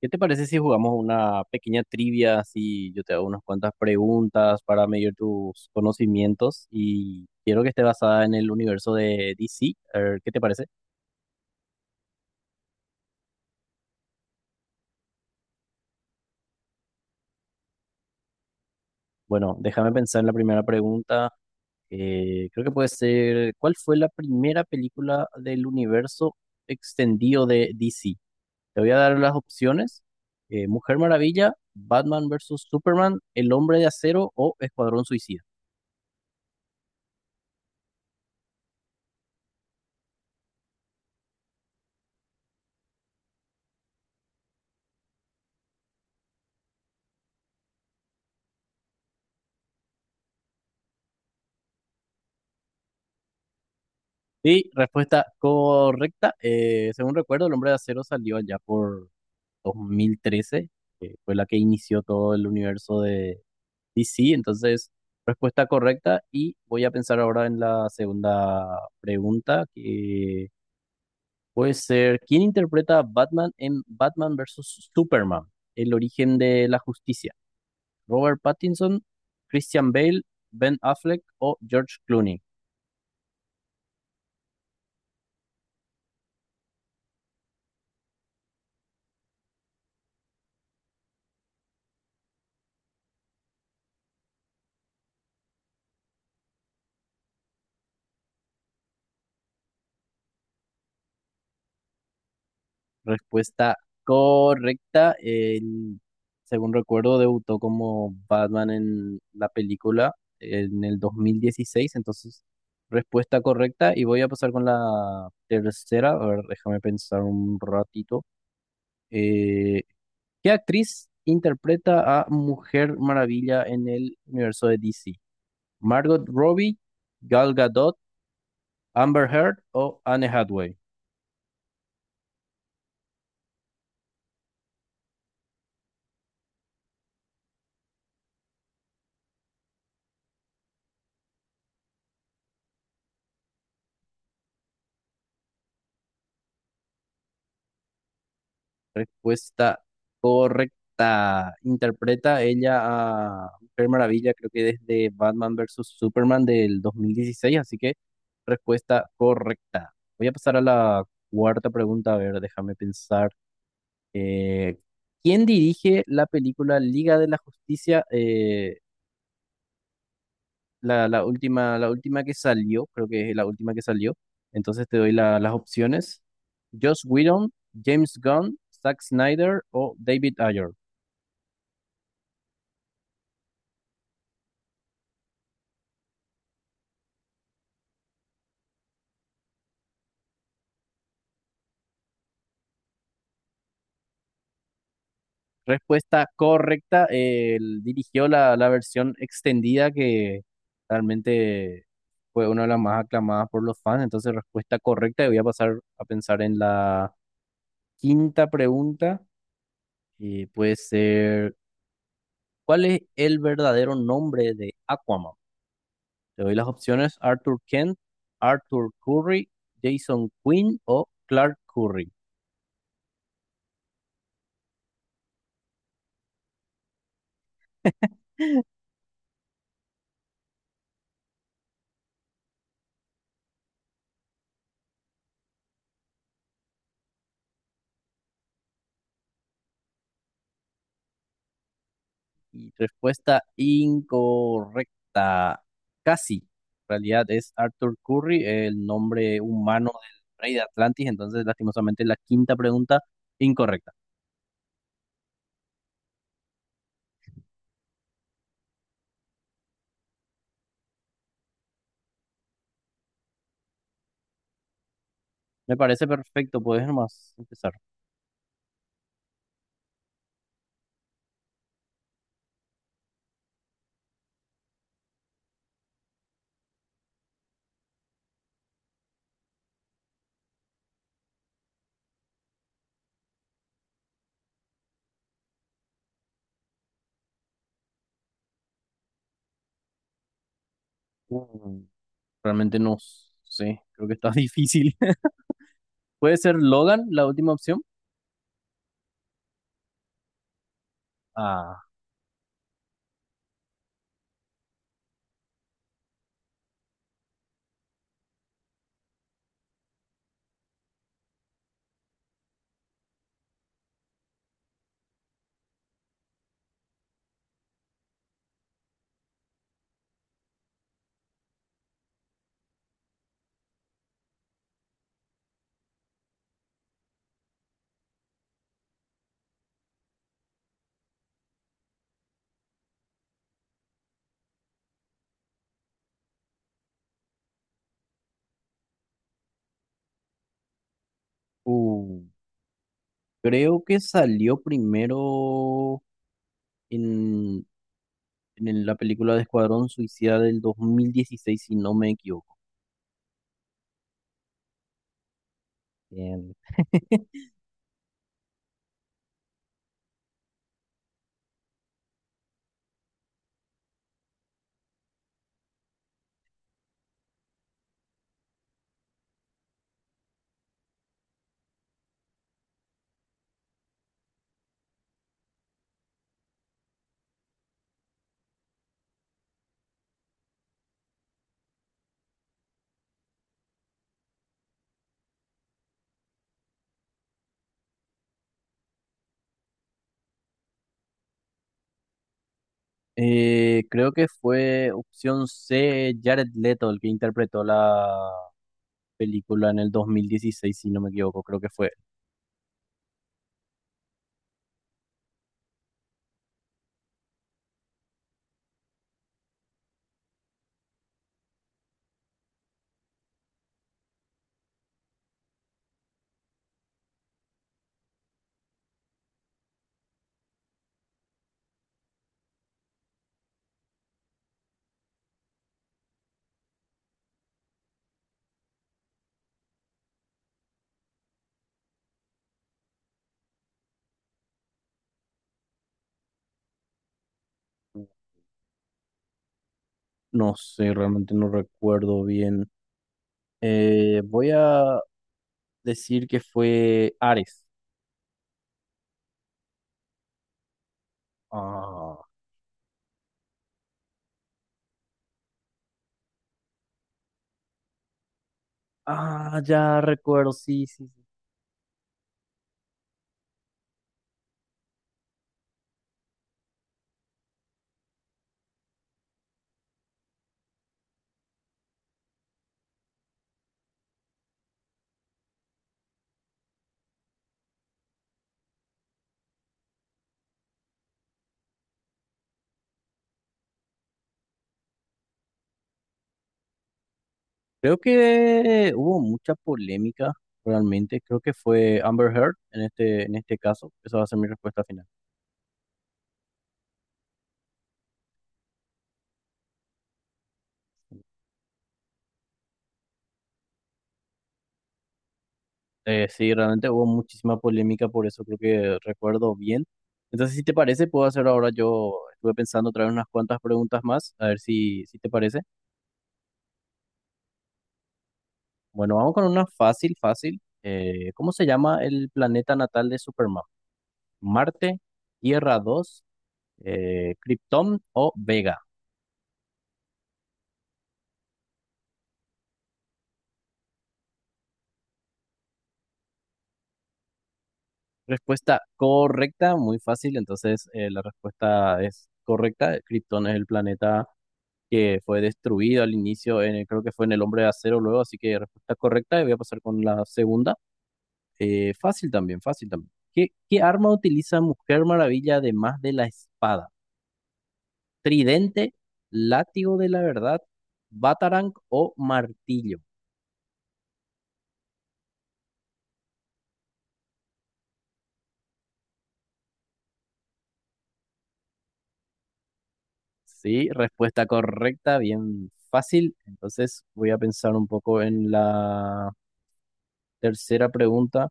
¿Qué te parece si jugamos una pequeña trivia? Si yo te hago unas cuantas preguntas para medir tus conocimientos y quiero que esté basada en el universo de DC. A ver, ¿qué te parece? Bueno, déjame pensar en la primera pregunta. Creo que puede ser, ¿cuál fue la primera película del universo extendido de DC? Te voy a dar las opciones. Mujer Maravilla, Batman vs. Superman, El Hombre de Acero o Escuadrón Suicida. Sí, respuesta correcta. Según recuerdo, el Hombre de Acero salió allá por 2013, que fue la que inició todo el universo de DC. Entonces, respuesta correcta. Y voy a pensar ahora en la segunda pregunta, que puede ser, ¿quién interpreta a Batman en Batman vs. Superman? El origen de la justicia. ¿Robert Pattinson, Christian Bale, Ben Affleck o George Clooney? Respuesta correcta. Él, según recuerdo, debutó como Batman en la película en el 2016. Entonces, respuesta correcta. Y voy a pasar con la tercera. A ver, déjame pensar un ratito. Eh, ¿Qué actriz interpreta a Mujer Maravilla en el universo de DC? ¿Margot Robbie, Gal Gadot, Amber Heard o Anne Hathaway? Respuesta correcta. Interpreta ella a Mujer Maravilla, creo que desde Batman versus Superman del 2016, así que respuesta correcta. Voy a pasar a la cuarta pregunta, a ver, déjame pensar. Eh, ¿Quién dirige la película Liga de la Justicia? La última, la última que salió, creo que es la última que salió. Entonces te doy las opciones. Joss Whedon, James Gunn, Zack Snyder o David Ayer. Respuesta correcta. Él dirigió la versión extendida que realmente fue una de las más aclamadas por los fans. Entonces, respuesta correcta. Y voy a pasar a pensar en la quinta pregunta. Y puede ser, ¿cuál es el verdadero nombre de Aquaman? Te doy las opciones: Arthur Kent, Arthur Curry, Jason Quinn o Clark Curry. Y respuesta incorrecta. Casi. En realidad es Arthur Curry, el nombre humano del rey de Atlantis. Entonces, lastimosamente, la quinta pregunta incorrecta. Me parece perfecto. Puedes nomás empezar. Mm, Realmente no sé. Creo que está difícil. ¿Puede ser Logan la última opción? Ah, uh, creo que salió primero en, la película de Escuadrón Suicida del 2016, si no me equivoco. Bien, creo que fue opción C, Jared Leto, el que interpretó la película en el 2016, si no me equivoco, creo que fue. No sé, realmente no recuerdo bien. Voy a decir que fue Ares. Ah, ah, ya recuerdo, sí, sí, sí. Creo que hubo mucha polémica, realmente. Creo que fue Amber Heard en este caso. Esa va a ser mi respuesta final. Sí, realmente hubo muchísima polémica por eso, creo que recuerdo bien. Entonces, si te parece, puedo hacer ahora yo, estuve pensando traer unas cuantas preguntas más, a ver si, si te parece. Bueno, vamos con una fácil, fácil. ¿Cómo se llama el planeta natal de Superman? ¿Marte, Tierra 2 Krypton o Vega? Respuesta correcta, muy fácil, entonces la respuesta es correcta. Krypton es el planeta que fue destruido al inicio, creo que fue en el Hombre de Acero luego, así que respuesta correcta, y voy a pasar con la segunda. Fácil también, fácil también. ¿Qué arma utiliza Mujer Maravilla además de la espada? ¿Tridente, látigo de la verdad, batarang o martillo? Sí, respuesta correcta, bien fácil. Entonces voy a pensar un poco en la tercera pregunta.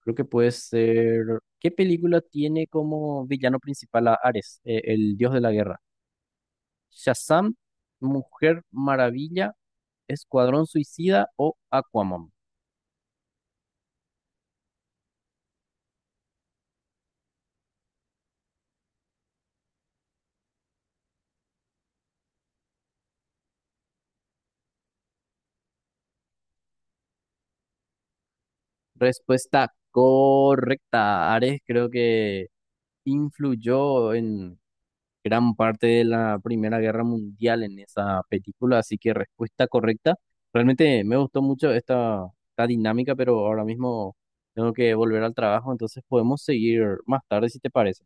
Creo que puede ser. ¿Qué película tiene como villano principal a Ares, el dios de la guerra? ¿Shazam, Mujer Maravilla, Escuadrón Suicida o Aquaman? Respuesta correcta. Ares creo que influyó en gran parte de la Primera Guerra Mundial en esa película, así que respuesta correcta. Realmente me gustó mucho esta, esta dinámica, pero ahora mismo tengo que volver al trabajo, entonces podemos seguir más tarde si te parece.